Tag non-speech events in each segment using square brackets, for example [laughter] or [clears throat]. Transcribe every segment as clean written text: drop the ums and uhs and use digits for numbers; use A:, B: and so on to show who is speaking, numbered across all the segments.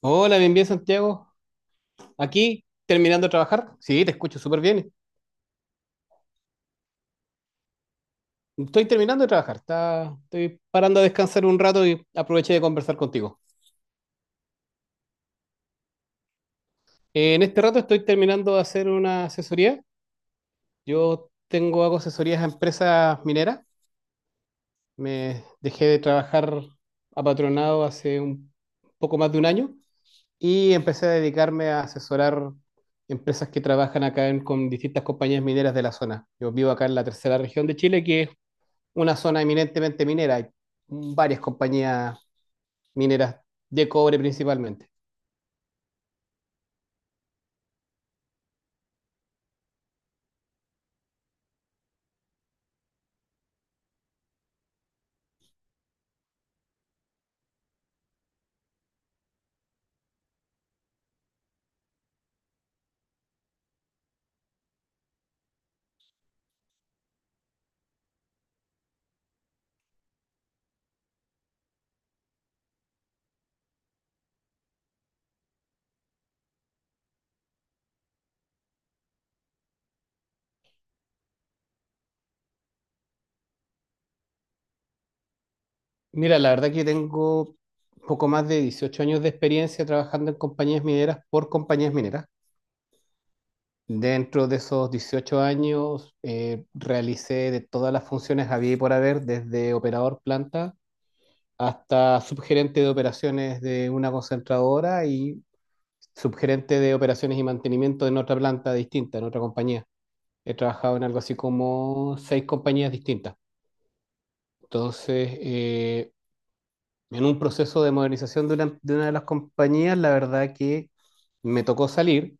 A: Hola, bien, bien, Santiago. Aquí, terminando de trabajar. Sí, te escucho súper bien. Estoy terminando de trabajar. Estoy parando a descansar un rato y aproveché de conversar contigo. En este rato estoy terminando de hacer una asesoría. Hago asesorías a empresas mineras. Me dejé de trabajar apatronado hace un poco más de un año y empecé a dedicarme a asesorar empresas que trabajan con distintas compañías mineras de la zona. Yo vivo acá en la tercera región de Chile, que es una zona eminentemente minera. Hay varias compañías mineras de cobre principalmente. Mira, la verdad que tengo poco más de 18 años de experiencia trabajando en compañías mineras por compañías mineras. Dentro de esos 18 años realicé de todas las funciones había y por haber, desde operador planta hasta subgerente de operaciones de una concentradora y subgerente de operaciones y mantenimiento en otra planta distinta, en otra compañía. He trabajado en algo así como seis compañías distintas. Entonces, eh, en un proceso de modernización de una de las compañías, la verdad que me tocó salir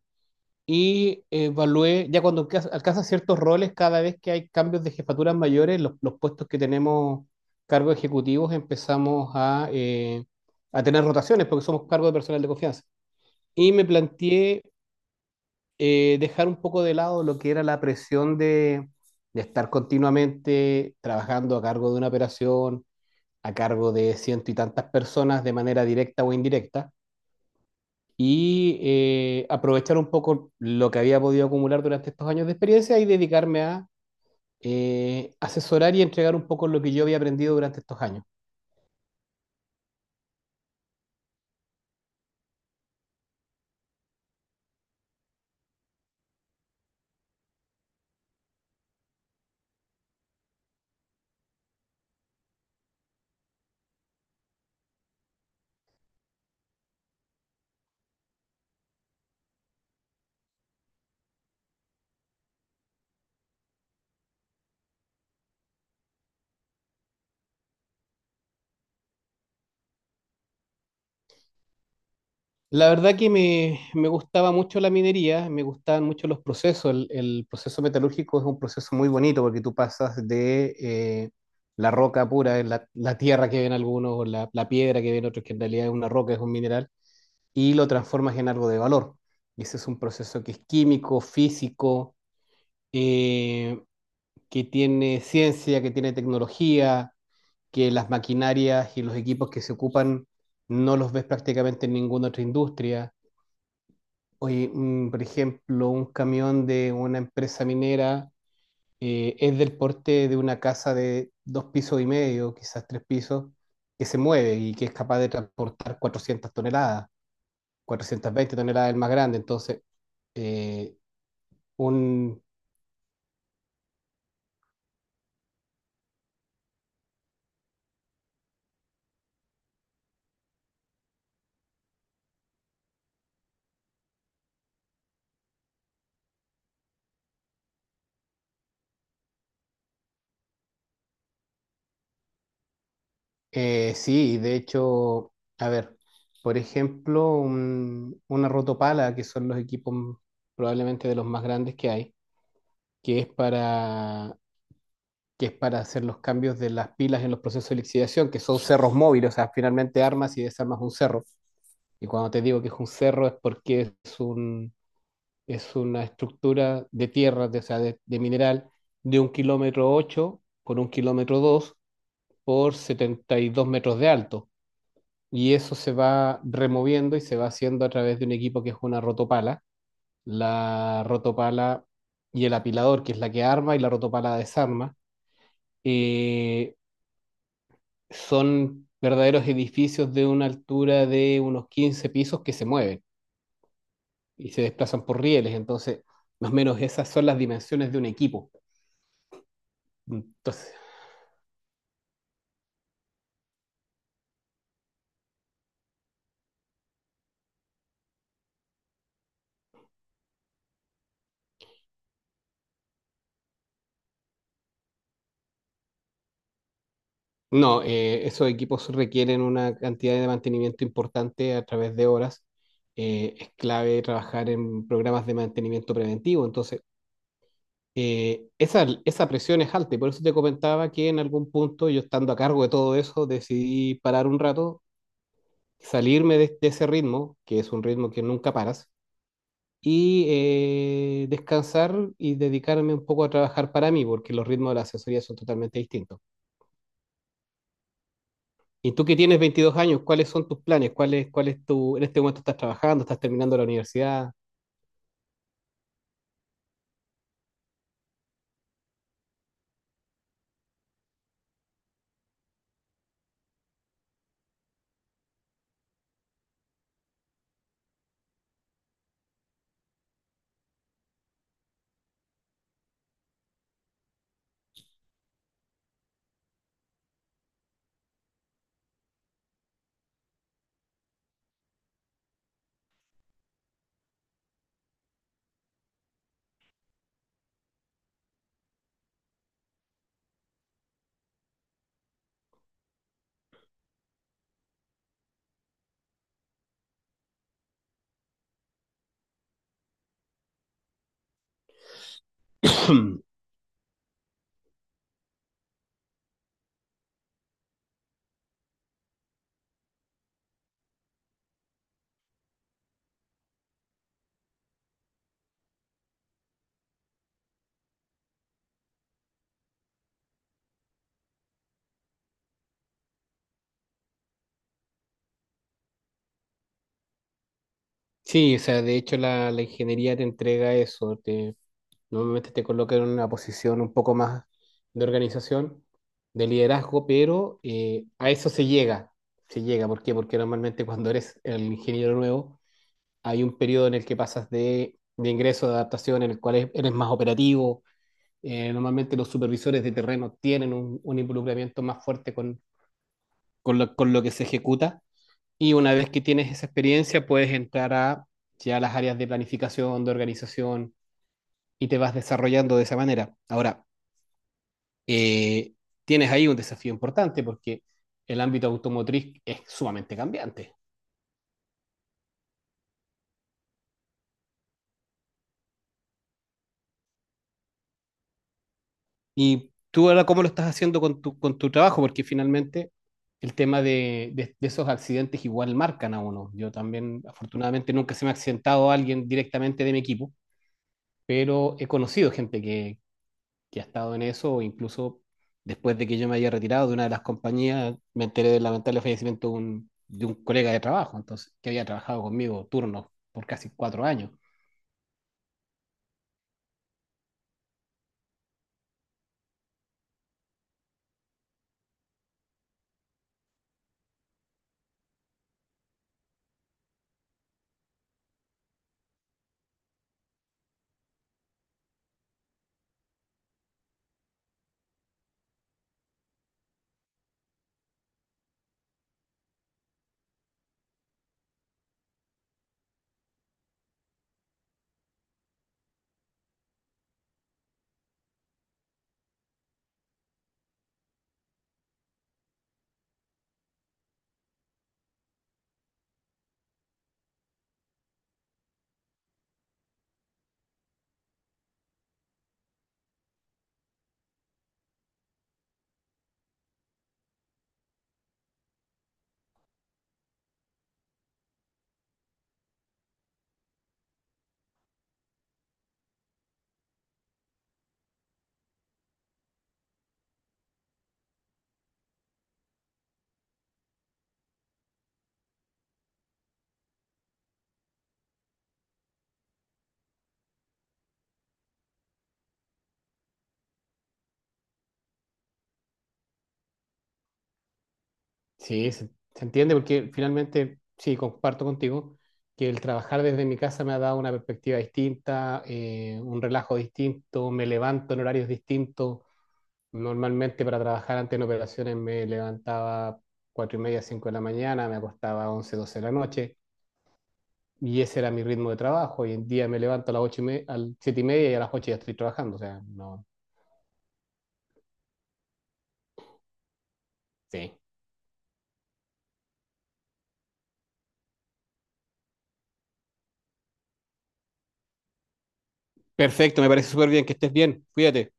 A: y evalué, ya cuando alcanzas ciertos roles, cada vez que hay cambios de jefaturas mayores, los puestos que tenemos cargos ejecutivos, empezamos a tener rotaciones porque somos cargos de personal de confianza. Y me planteé dejar un poco de lado lo que era la presión de estar continuamente trabajando a cargo de una operación, a cargo de ciento y tantas personas de manera directa o indirecta, y aprovechar un poco lo que había podido acumular durante estos años de experiencia y dedicarme a asesorar y entregar un poco lo que yo había aprendido durante estos años. La verdad que me gustaba mucho la minería, me gustaban mucho los procesos. El proceso metalúrgico es un proceso muy bonito porque tú pasas de la roca pura, la tierra que ven algunos, o la piedra que ven otros, que en realidad es una roca, es un mineral, y lo transformas en algo de valor. Y ese es un proceso que es químico, físico, eh, que tiene ciencia, que tiene tecnología, que las maquinarias y los equipos que se ocupan no los ves prácticamente en ninguna otra industria. Oye, por ejemplo, un camión de una empresa minera es del porte de una casa de dos pisos y medio, quizás tres pisos, que se mueve y que es capaz de transportar 400 toneladas, 420 toneladas el más grande. Eh, un, sí, de hecho, a ver, por ejemplo, una rotopala, que son los equipos probablemente de los más grandes que hay, que es para que es para hacer los cambios de las pilas en los procesos de lixiviación, que son cerros móviles, o sea, finalmente armas y desarmas un cerro. Y cuando te digo que es un cerro es porque es una estructura de tierra, de mineral, de un kilómetro 8 por un kilómetro 2 por 72 metros de alto. Y eso se va removiendo y se va haciendo a través de un equipo que es una rotopala. La rotopala y el apilador, que es la que arma y la rotopala desarma. Eh, Son verdaderos edificios de una altura de unos 15 pisos que se mueven y se desplazan por rieles. Entonces, más o menos esas son las dimensiones de un equipo. Entonces, no, Esos equipos requieren una cantidad de mantenimiento importante a través de horas. Es clave trabajar en programas de mantenimiento preventivo. Esa presión es alta y por eso te comentaba que en algún punto yo estando a cargo de todo eso decidí parar un rato, salirme de ese ritmo, que es un ritmo que nunca paras, y descansar y dedicarme un poco a trabajar para mí, porque los ritmos de la asesoría son totalmente distintos. Y tú que tienes 22 años, ¿cuáles son tus planes? Cuál es tu, en este momento estás trabajando, estás terminando la universidad? [clears throat] Sí, o sea, de hecho la ingeniería te entrega eso, te normalmente te colocan en una posición un poco más de organización, de liderazgo, pero a eso se llega. Se llega, ¿por qué? Porque normalmente cuando eres el ingeniero nuevo, hay un periodo en el que pasas de ingreso, de adaptación, en el cual eres más operativo. Normalmente los supervisores de terreno tienen un involucramiento más fuerte con lo que se ejecuta. Y una vez que tienes esa experiencia, puedes entrar a ya las áreas de planificación, de organización, y te vas desarrollando de esa manera. Ahora, eh, tienes ahí un desafío importante porque el ámbito automotriz es sumamente cambiante. Y tú ahora, ¿cómo lo estás haciendo con con tu trabajo? Porque finalmente el tema de esos accidentes igual marcan a uno. Yo también, afortunadamente, nunca se me ha accidentado alguien directamente de mi equipo, pero he conocido gente que ha estado en eso, incluso después de que yo me haya retirado de una de las compañías, me enteré del lamentable fallecimiento de un colega de trabajo, entonces, que había trabajado conmigo turnos por casi 4 años. Sí, se, Se entiende porque finalmente, sí, comparto contigo que el trabajar desde mi casa me ha dado una perspectiva distinta, un relajo distinto, me levanto en horarios distintos. Normalmente para trabajar antes en operaciones me levantaba cuatro y media, cinco de la mañana, me acostaba 11 12 de la noche y ese era mi ritmo de trabajo. Hoy en día me levanto a las ocho y a las siete y media, y a las ocho ya estoy trabajando. O sea, no, sí. Perfecto, me parece súper bien, que estés bien, cuídate.